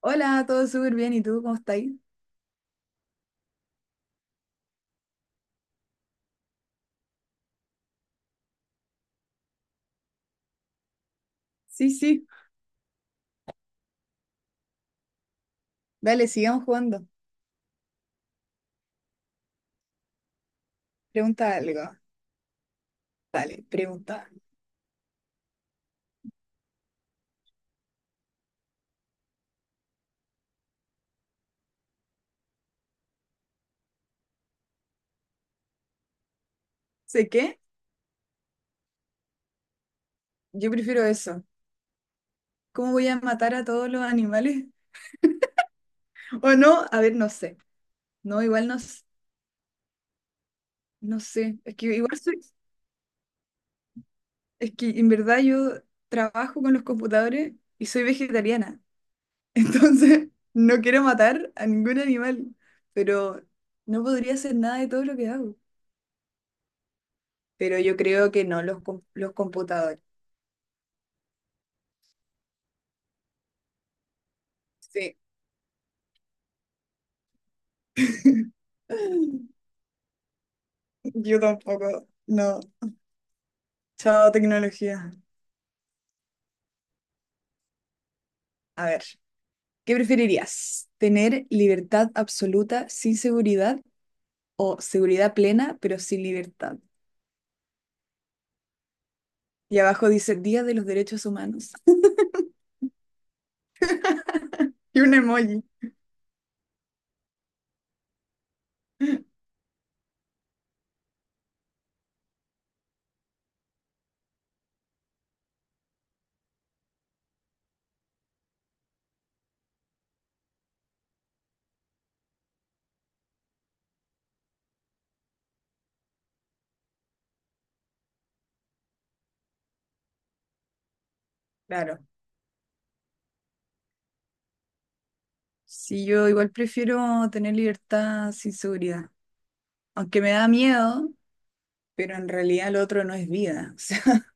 Hola, todo súper bien. ¿Y tú cómo estás? Sí, sí. Dale, sigamos jugando. Pregunta algo. Dale, pregunta. ¿Sé qué? Yo prefiero eso. ¿Cómo voy a matar a todos los animales? ¿O no? A ver, no sé. No, igual no, no sé. Es que igual soy... Es que en verdad yo trabajo con los computadores y soy vegetariana. Entonces, no quiero matar a ningún animal. Pero no podría hacer nada de todo lo que hago. Pero yo creo que no, los, los computadores. Sí. Yo tampoco. No. Chao, tecnología. A ver, ¿qué preferirías? ¿Tener libertad absoluta sin seguridad o seguridad plena pero sin libertad? Y abajo dice Día de los Derechos Humanos. Y un emoji. Claro. Sí, yo igual prefiero tener libertad sin seguridad. Aunque me da miedo, pero en realidad lo otro no es vida. O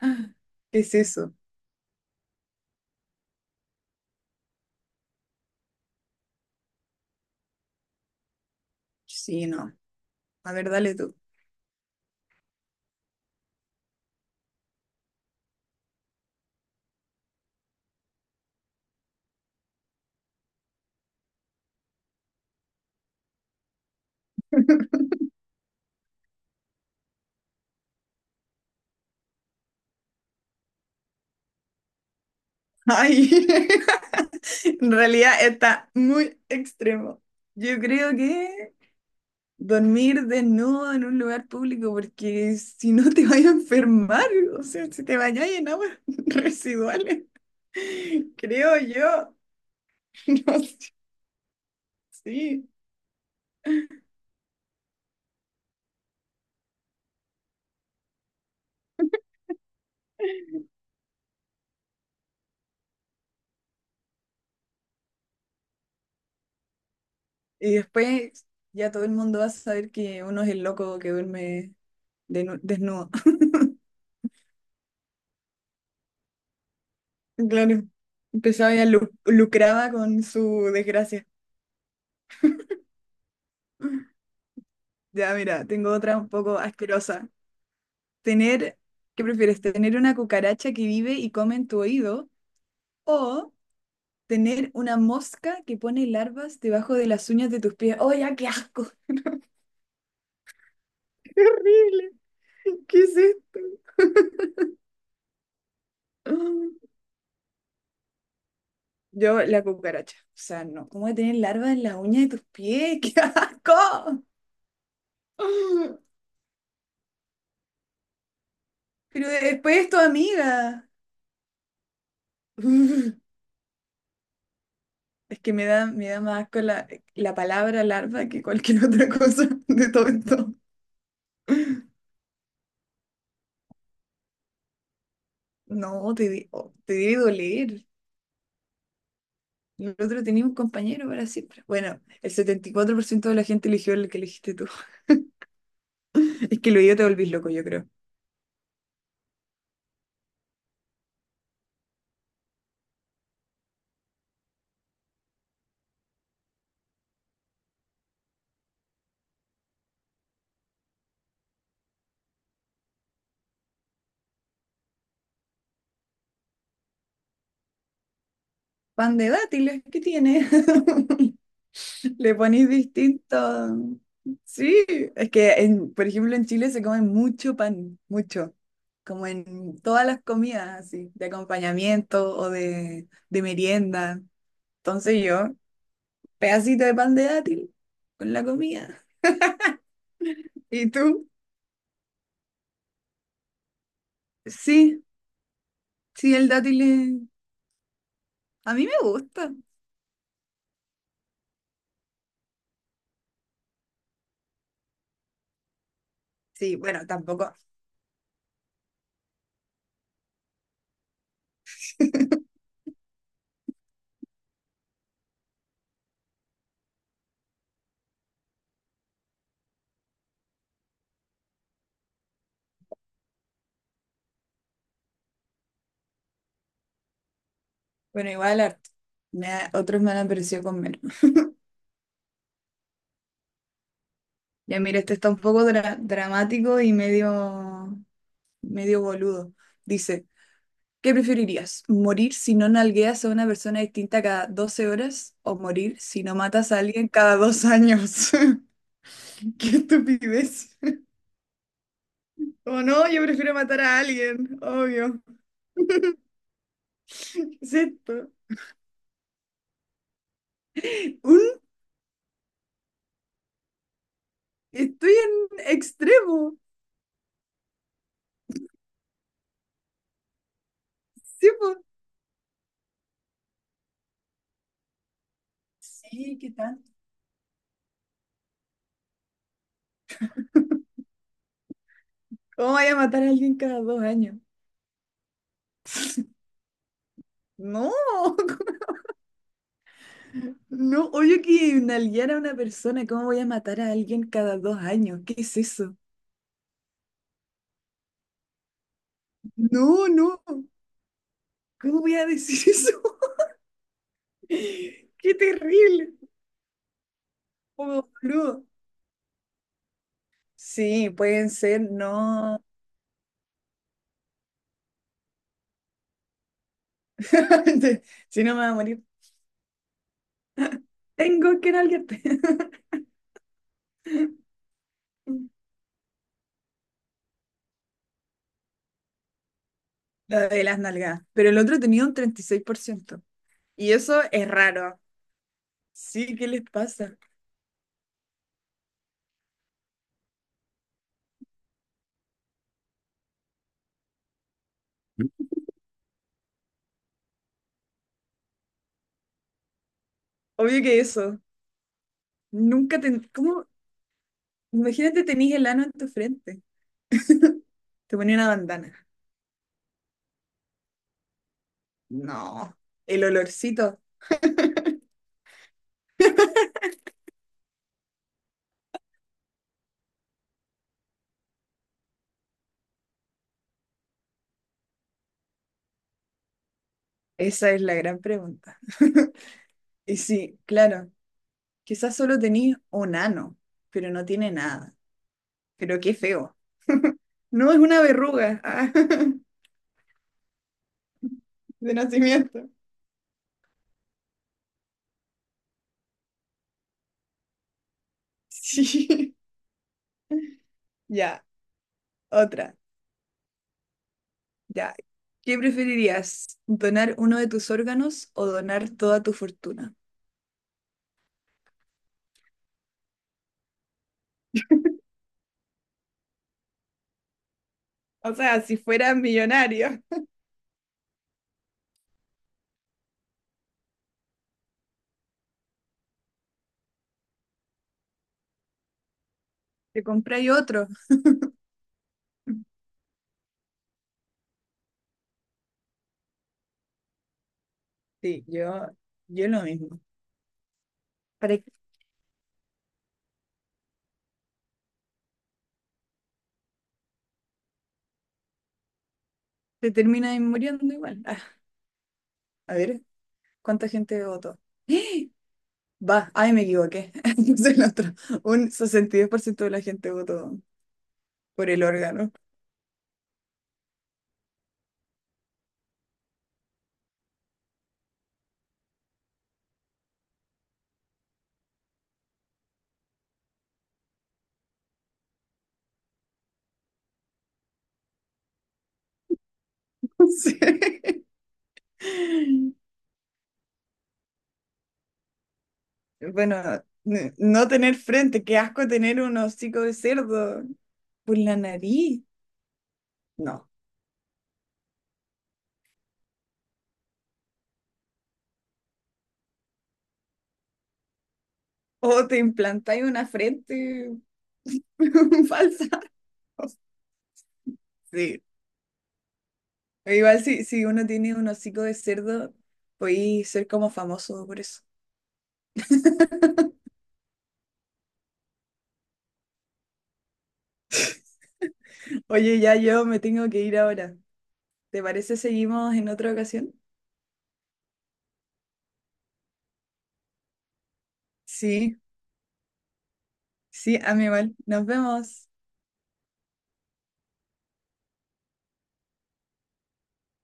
sea, ¿qué es eso? Sí, no. A ver, dale tú. Ay, en realidad está muy extremo. Yo creo que dormir desnudo en un lugar público, porque si no te vas a enfermar, o sea, si te bañas en aguas residuales, creo yo. No sé, sí. Y después ya todo el mundo va a saber que uno es el loco que duerme desnudo. Claro, empezaba ya lucraba con su desgracia. Ya, mira, tengo otra un poco asquerosa. Tener, ¿Qué prefieres? ¿Tener una cucaracha que vive y come en tu oído o tener una mosca que pone larvas debajo de las uñas de tus pies? ¡Oh, ya, qué asco! ¡Qué horrible! ¿Qué es esto? Yo, la cucaracha. O sea, no. ¿Cómo voy a tener larvas en las uñas de tus pies? ¡Qué asco! Pero después es tu amiga. Uf, es que me da más asco la palabra larva que cualquier otra cosa de todo esto. No, te, oh, te debe doler. Y el otro tenía un compañero para siempre. Bueno, el 74% de la gente eligió el que elegiste tú. Es que lo yo te volvís loco, yo creo. Pan de dátiles, ¿qué tiene? Le ponís distinto. Sí, es que, en, por ejemplo, en Chile se come mucho pan, mucho. Como en todas las comidas, así, de acompañamiento o de merienda. Entonces yo, pedacito de pan de dátil con la comida. ¿Y tú? Sí, sí, el a mí me gusta. Sí, bueno, tampoco. Bueno, igual harto. Otros me han aparecido con menos. Ya mira, este está un poco dramático y medio, medio boludo. Dice, ¿qué preferirías? ¿Morir si no nalgueas a una persona distinta cada 12 horas o morir si no matas a alguien cada 2 años? ¡Qué estupidez! O no, yo prefiero matar a alguien, obvio. ¿Qué es esto? Un, estoy en extremo. Sí, pues. Sí, ¿qué tanto? ¿Cómo vaya a matar a alguien cada dos años? No, no, obvio que nalguear a una persona, ¿cómo voy a matar a alguien cada dos años? ¿Qué es eso? No, no, ¿cómo voy a decir eso? ¡Qué terrible! Oh, boludo. Sí, pueden ser, no. Si no me voy a morir, tengo que nalguearte. La de las nalgadas. Pero el otro tenía un 36%. Y eso es raro. Sí, ¿qué les pasa? Obvio que eso. Nunca te... ¿Cómo? Imagínate tenís el ano en tu frente. Te ponía una bandana. No. El olorcito. Esa es la gran pregunta. Y sí, claro. Quizás solo tenís un ano, pero no tiene nada. Pero qué feo. No es una verruga. Ah, de nacimiento. Sí. Ya, otra. Ya. ¿Qué preferirías? ¿Donar uno de tus órganos o donar toda tu fortuna? O sea, si fuera millonario, te compráis otro. Sí, yo lo mismo. Para que te termines muriendo igual. Ah, a ver, ¿cuánta gente votó? ¡Eh! Va, ay, me equivoqué. Es el otro. Un 62% de la gente votó por el órgano. Sí. Bueno, no tener frente, qué asco tener un hocico de cerdo por la nariz. No. O te implantáis una frente falsa. Sí, pero igual si uno tiene un hocico de cerdo, podéis ser como famoso por eso. Oye, ya yo me tengo que ir ahora. ¿Te parece seguimos en otra ocasión? Sí, sí, a mí igual. Nos vemos.